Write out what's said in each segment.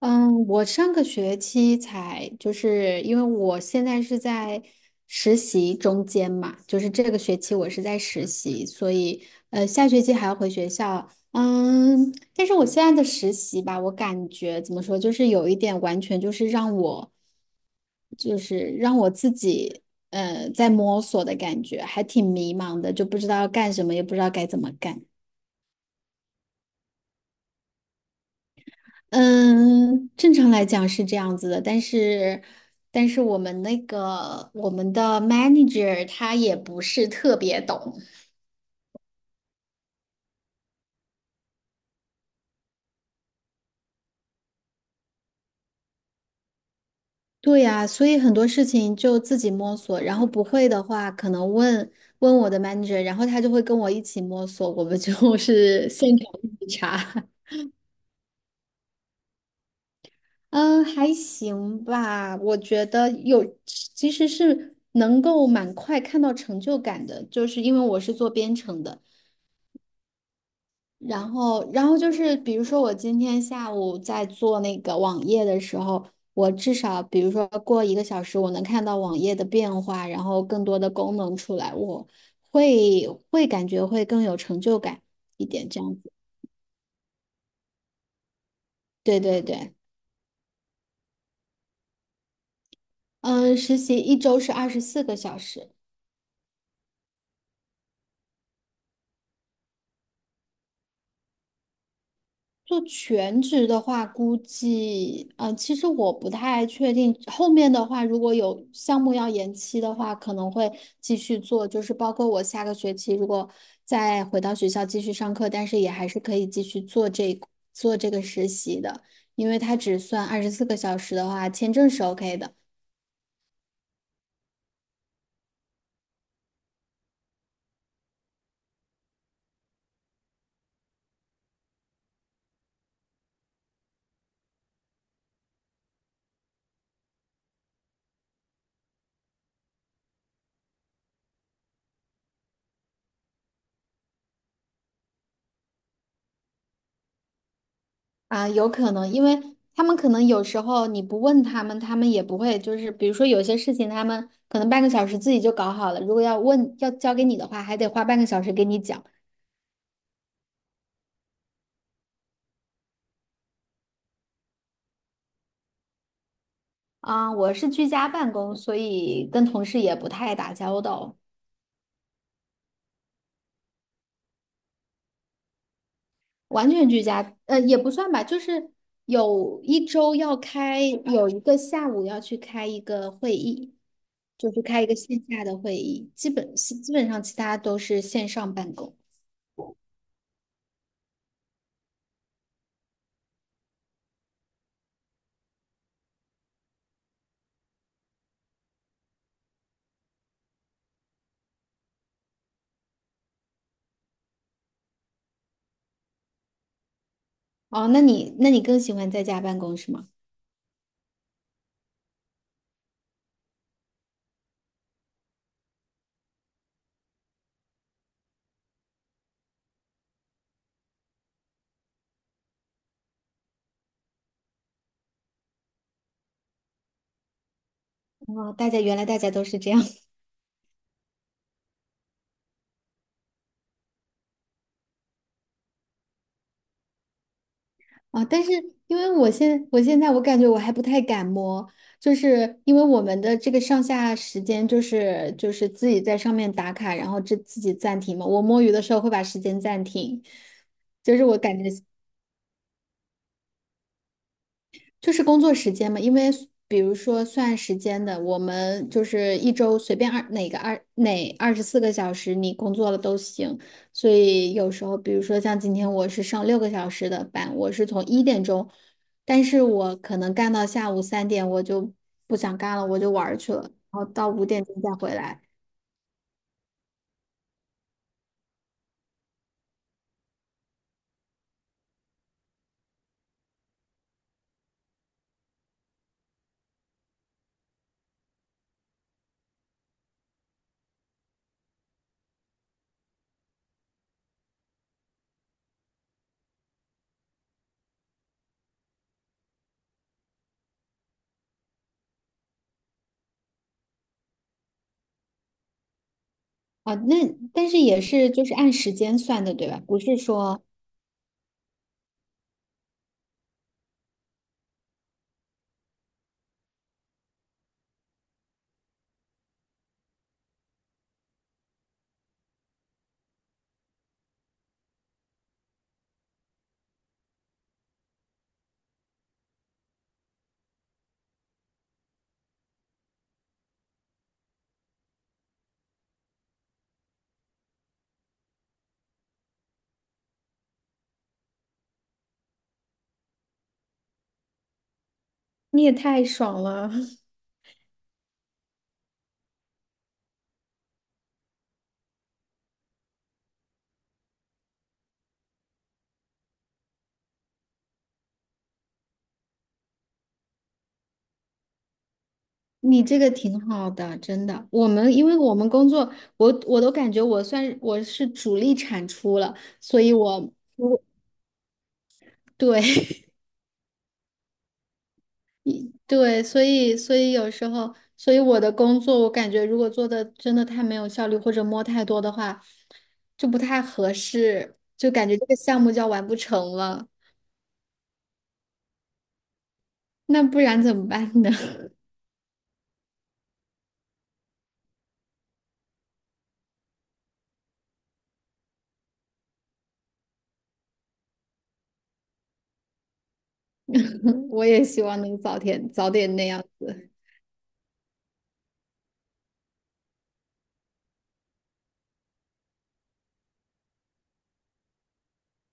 嗯，我上个学期才，就是因为我现在是在实习中间嘛，就是这个学期我是在实习，所以下学期还要回学校。嗯，但是我现在的实习吧，我感觉怎么说，就是有一点完全就是让我，就是让我自己在摸索的感觉，还挺迷茫的，就不知道要干什么，也不知道该怎么干。嗯，正常来讲是这样子的，但是我们的 manager 他也不是特别懂，对呀，所以很多事情就自己摸索，然后不会的话可能问问我的 manager,然后他就会跟我一起摸索，我们就是 现场一起查。嗯，还行吧，我觉得有，其实是能够蛮快看到成就感的，就是因为我是做编程的。然后就是，比如说我今天下午在做那个网页的时候，我至少比如说过1个小时，我能看到网页的变化，然后更多的功能出来，我会感觉会更有成就感一点，这样子。对对对，嗯，实习一周是二十四个小时。做全职的话，估计，其实我不太确定。后面的话，如果有项目要延期的话，可能会继续做，就是包括我下个学期如果再回到学校继续上课，但是也还是可以继续做这个实习的，因为它只算二十四个小时的话，签证是 OK 的。啊，有可能，因为他们可能有时候你不问他们，他们也不会。就是比如说有些事情，他们可能半个小时自己就搞好了。如果要问，要交给你的话，还得花半个小时给你讲。啊，我是居家办公，所以跟同事也不太打交道，完全居家，也不算吧，就是有一周要开，有一个下午要去开一个会议，就是开一个线下的会议，基本上其他都是线上办公。哦，那你更喜欢在家办公是吗？哦，原来大家都是这样啊。哦，但是因为我现在我感觉我还不太敢摸，就是因为我们的这个上下时间就是自己在上面打卡，然后自己暂停嘛。我摸鱼的时候会把时间暂停，就是我感觉就是工作时间嘛，因为比如说算时间的，我们就是一周随便二哪个二哪二十四个小时你工作了都行，所以有时候比如说像今天我是上6个小时的班，我是从1点钟，但是我可能干到下午3点我就不想干了，我就玩儿去了，然后到5点钟再回来。啊，那但是也是就是按时间算的，对吧？不是说你也太爽了！你这个挺好的，真的。我们因为我们工作，我都感觉我是主力产出了，所以我对。 对，所以有时候，所以我的工作，我感觉如果做的真的太没有效率或者摸太多的话，就不太合适，就感觉这个项目就要完不成了。那不然怎么办呢？我也希望能早点那样子。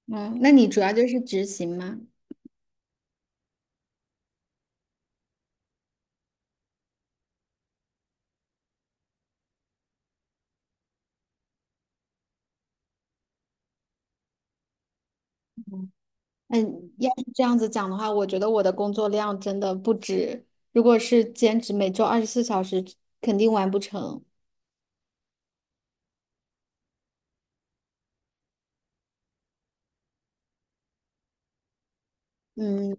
嗯，那你主要就是执行吗？嗯，要是这样子讲的话，我觉得我的工作量真的不止，如果是兼职，每周24小时，肯定完不成。嗯。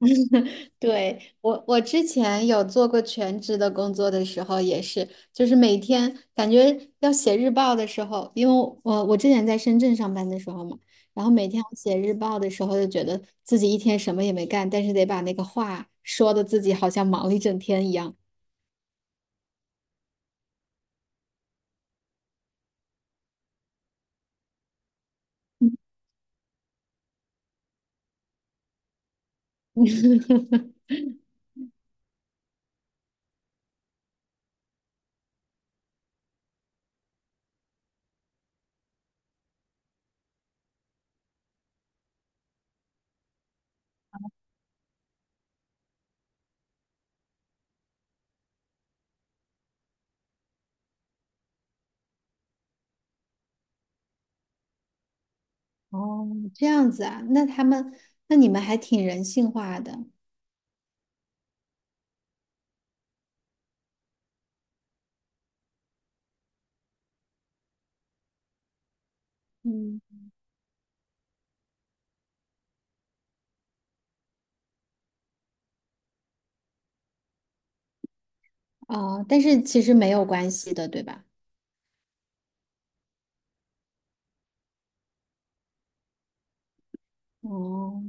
对，我之前有做过全职的工作的时候，也是，就是每天感觉要写日报的时候，因为我之前在深圳上班的时候嘛，然后每天要写日报的时候，就觉得自己一天什么也没干，但是得把那个话说的自己好像忙了一整天一样。哦，这样子啊，那你们还挺人性化的，嗯，哦，但是其实没有关系的，对吧？哦，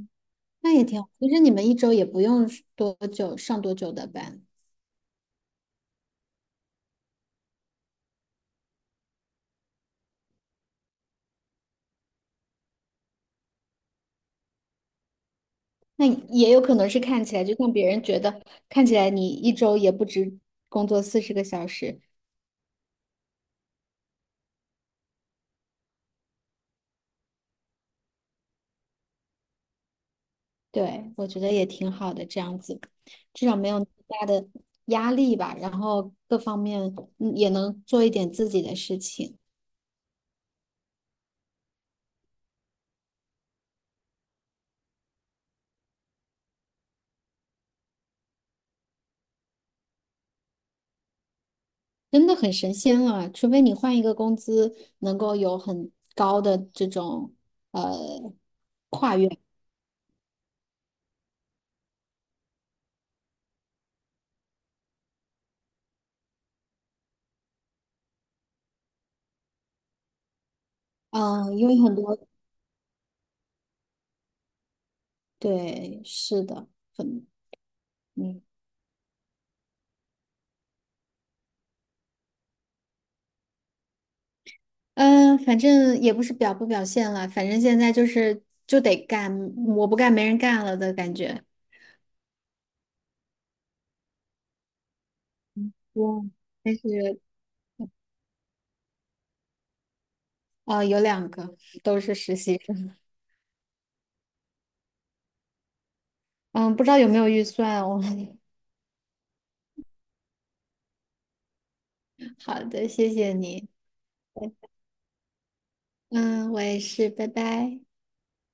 那也挺好。其实你们一周也不用是多久，上多久的班，那也有可能是看起来，就像别人觉得看起来你一周也不止工作40个小时，对，我觉得也挺好的，这样子，至少没有那么大的压力吧，然后各方面也能做一点自己的事情。真的很神仙了，除非你换一个工资能够有很高的这种呃跨越，嗯，因为很多对，是的，很嗯嗯，反正也不是表不表现了，反正现在就是就得干，我不干没人干了的感觉。嗯，但是啊，有2个都是实习生，嗯，不知道有没有预算哦。好的，谢谢你，嗯，我也是，拜拜。